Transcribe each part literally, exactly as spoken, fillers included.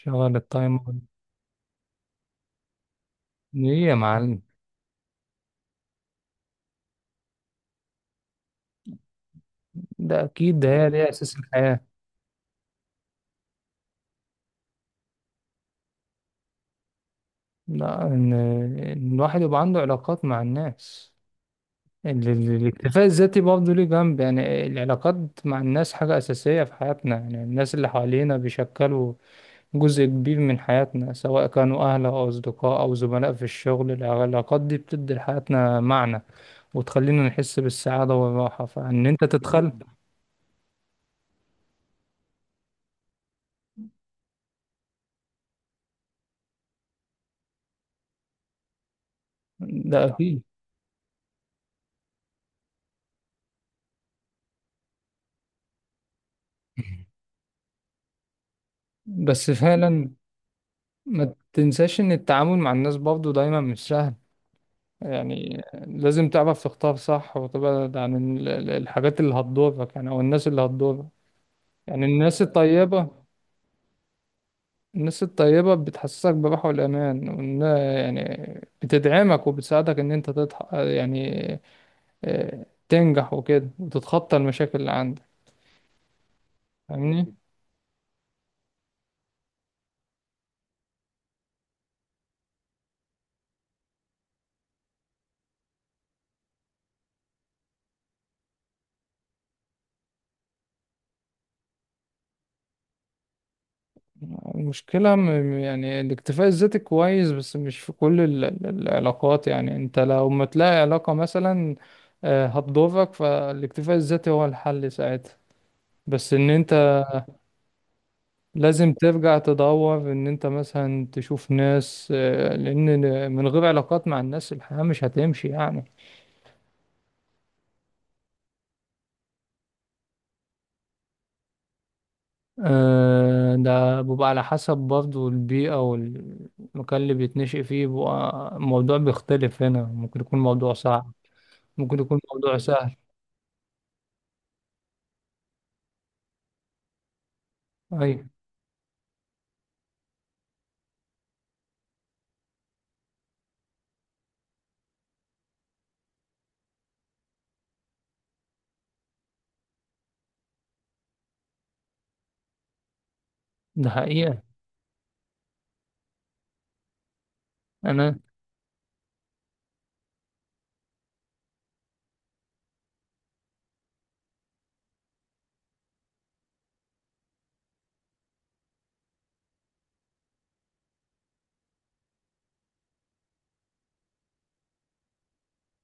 شغل التايمر. ليه يا معلم؟ ده اكيد، ده هي دي اساس الحياة. لا، ان إن الواحد يبقى عنده علاقات مع الناس. ال- ال- الاكتفاء الذاتي برضه ليه جنب، يعني العلاقات مع الناس حاجة أساسية في حياتنا، يعني الناس اللي حوالينا بيشكلوا جزء كبير من حياتنا، سواء كانوا أهل أو أصدقاء أو زملاء في الشغل. العلاقات دي بتدي لحياتنا معنى وتخلينا نحس بالسعادة والراحة، فإن أنت تتخلى. ده أكيد. بس فعلا ما تنساش ان التعامل مع الناس برضه دايما مش سهل، يعني لازم تعرف تختار صح وتبعد عن ال- ال- الحاجات اللي هتضرك، يعني او الناس اللي هتضرك. يعني الناس الطيبة، الناس الطيبة بتحسسك براحة والأمان وإن، يعني بتدعمك وبتساعدك إن أنت تضح، يعني آه، تنجح وكده وتتخطى المشاكل اللي عندك. فاهمني؟ المشكلة م- م- يعني الاكتفاء الذاتي كويس، بس مش في كل ال- ال- العلاقات، يعني انت لو ما تلاقي علاقة مثلا آه، هتضرك، فالاكتفاء الذاتي هو الحل ساعتها. بس ان انت لازم ترجع تدور ان انت مثلا تشوف ناس، آه، لان من غير علاقات مع الناس الحياة مش هتمشي يعني. آه، ده بيبقى على حسب برضه البيئة والمكان اللي بيتنشئ فيه، بيبقى الموضوع بيختلف. هنا ممكن يكون موضوع صعب، ممكن يكون موضوع سهل. ايوه. ده حقيقة. انا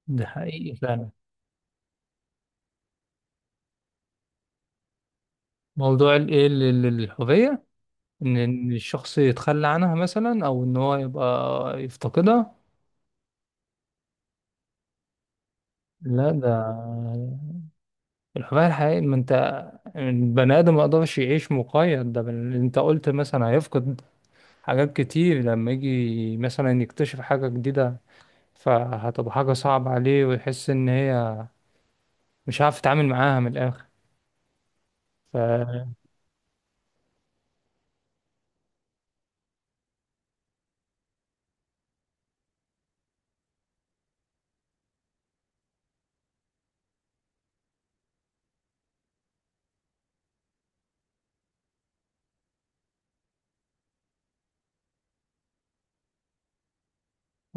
ده حقيقي فعلا. موضوع ال- ايه ال- ال- الهوية، ان إن الشخص يتخلى عنها مثلا او ان هو يبقى يفتقدها. لا، ده الهوية الحقيقية، ما انت البني ادم ما يقدرش يعيش مقيد، ده بل انت قلت مثلا هيفقد حاجات كتير لما يجي مثلا يكتشف حاجة جديدة، فهتبقى حاجة صعبة عليه ويحس ان هي مش عارف يتعامل معاها من الاخر.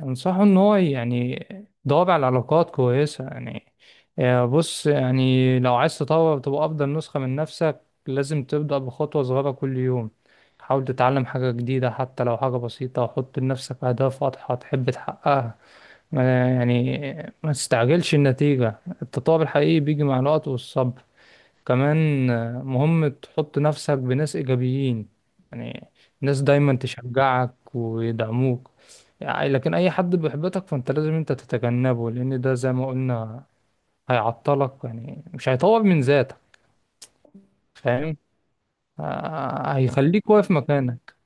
أنصحه إن هو يعني يدور على علاقات كويسة، يعني آه، بص، يعني لو عايز تطور تبقى أفضل نسخة من نفسك، لازم تبدأ بخطوة صغيرة كل يوم. حاول تتعلم حاجة جديدة حتى لو حاجة بسيطة، حط لنفسك أهداف واضحة تحب تحققها. ما يعني، ما تستعجلش النتيجة، التطور الحقيقي بيجي مع الوقت والصبر. كمان آه، مهم تحط نفسك بناس إيجابيين، يعني ناس دايما تشجعك ويدعموك، يعني لكن أي حد بيحبطك فأنت لازم أنت تتجنبه، لأن ده زي ما قلنا هيعطلك يعني، مش هيطور من ذاتك. فاهم. آه، هيخليك واقف مكانك.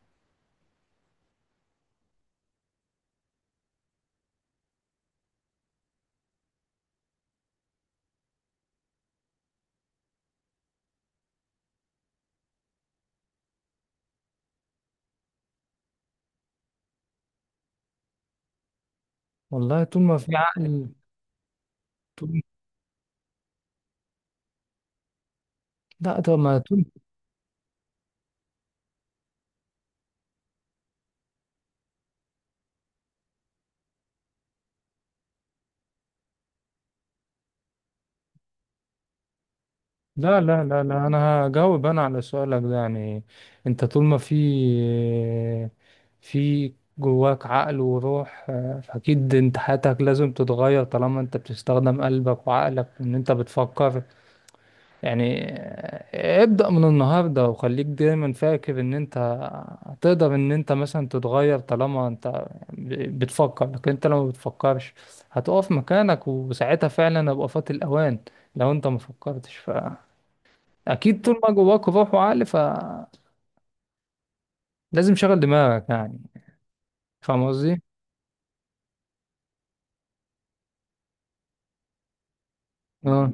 والله طول ما في عقل. طول لا، طب ما طول. لا لا لا لا، انا هجاوب انا على سؤالك ده يعني، انت طول ما في في جواك عقل وروح، آه، فاكيد انت حياتك لازم تتغير طالما انت بتستخدم قلبك وعقلك، ان انت بتفكر يعني. آه، ابدأ من النهاردة وخليك دايما فاكر ان انت هتقدر ان انت مثلا تتغير طالما انت ب- بتفكر، لكن انت لو ما بتفكرش هتقف مكانك وساعتها فعلا هيبقى فات الاوان، لو انت ما فكرتش. اكيد طول ما جواك روح وعقل فلازم شغل دماغك يعني. فاهم قصدي. اه،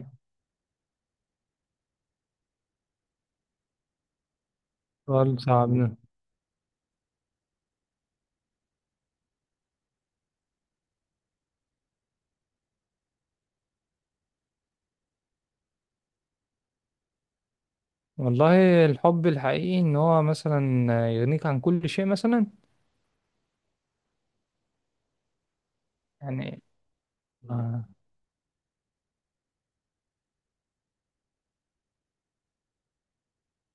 سؤال صعب ده. والله الحب الحقيقي ان هو مثلا يغنيك عن كل شيء مثلا. يعني آه،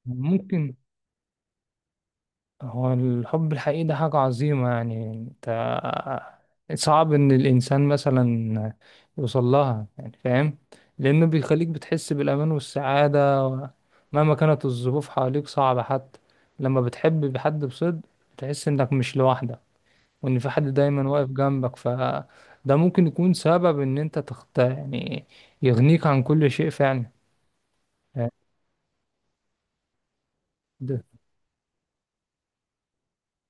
ممكن. هو الحب الحقيقي ده حاجة عظيمة، يعني انت صعب ان الانسان مثلا يوصل لها يعني، فاهم. لانه بيخليك بتحس بالامان والسعادة مهما كانت الظروف حواليك صعبة، حتى لما بتحب حد بصدق بتحس انك مش لوحدك، وان في حد دايما واقف جنبك، فده ممكن يكون سبب ان انت تخت يعني، يغنيك عن كل شيء فعلا. ده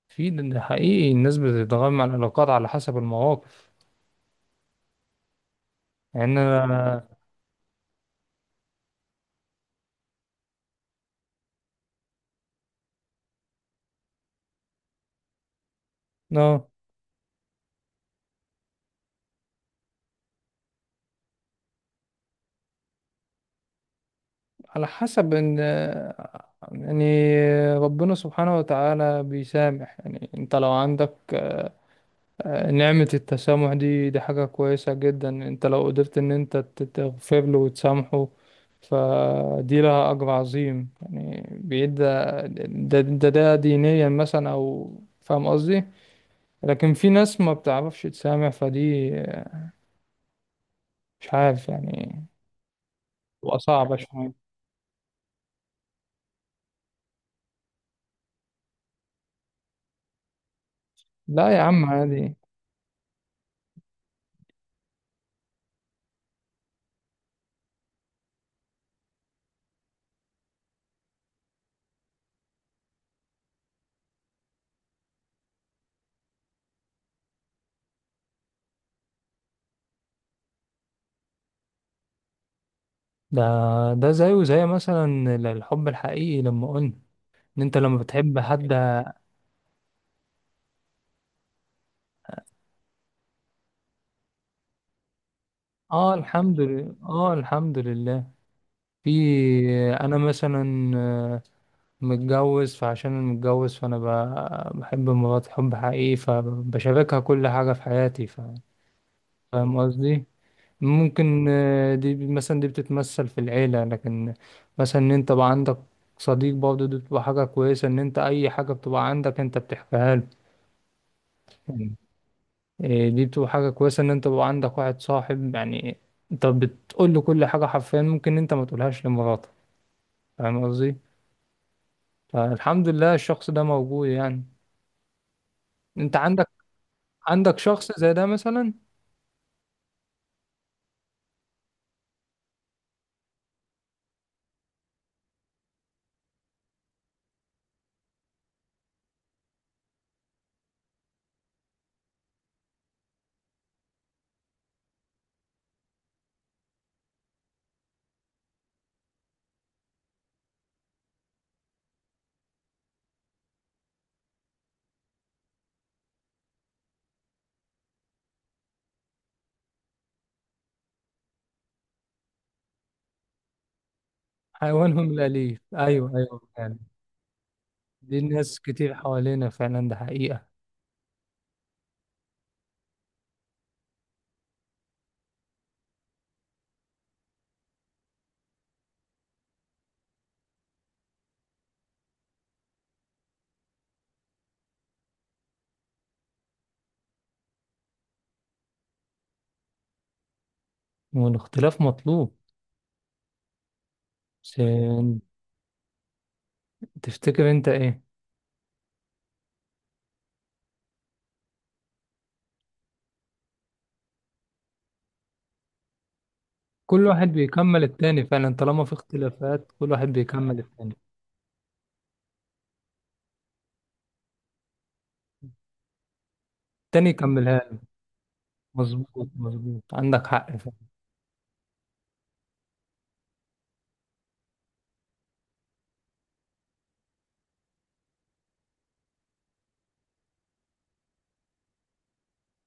في، ده ده حقيقي، الناس بتتغير مع العلاقات على حسب المواقف، يعني انا. اه. على حسب ان، يعني ربنا سبحانه وتعالى بيسامح. يعني انت لو عندك آه، نعمة التسامح، دي دي حاجة كويسة جدا. انت لو قدرت ان انت تغفر له وتسامحه فدي لها أجر عظيم، يعني بيدى ده, ده, ده دينيا مثلا أو، فاهم قصدي. لكن في ناس ما بتعرفش تسامح، فدي مش عارف يعني، بتبقى صعبة شوية. لا يا عم عادي. ده، ده زيه زي مثلا الحب الحقيقي لما قلنا ان انت لما بتحب حد. اه الحمد لله، اه الحمد لله. في. انا مثلا آه، متجوز، فعشان انا متجوز فانا ب- بحب مراتي حب حقيقي، فبشاركها كل حاجة في حياتي ف- فاهم قصدي. ممكن آه، دي مثلا دي بتتمثل في العيلة، لكن مثلا ان انت بقى عندك صديق برضه دي بتبقى حاجة كويسة، ان انت اي حاجة بتبقى عندك انت بتحكيها له. إيه، دي بتبقى حاجة كويسة إن أنت يبقى عندك واحد صاحب يعني، أنت بتقول له كل حاجة حرفيا، ممكن أنت ما تقولهاش لمراتك. فاهم قصدي؟ فالحمد لله الشخص ده موجود يعني. أنت عندك، عندك شخص زي ده مثلا. حيوانهم الأليف، أيوه أيوه يعني. دي ناس كتير حوالينا فعلا، ده حقيقة. والاختلاف مطلوب. بس تفتكر أنت إيه؟ كل واحد بيكمل التاني فعلا، طالما في اختلافات كل واحد بيكمل التاني. التاني يكملها له. مظبوط مظبوط، عندك حق فعلا.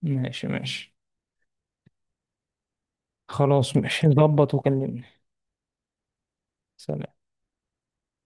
ماشي ماشي. خلاص ماشي، ظبط وكلمني. سلام.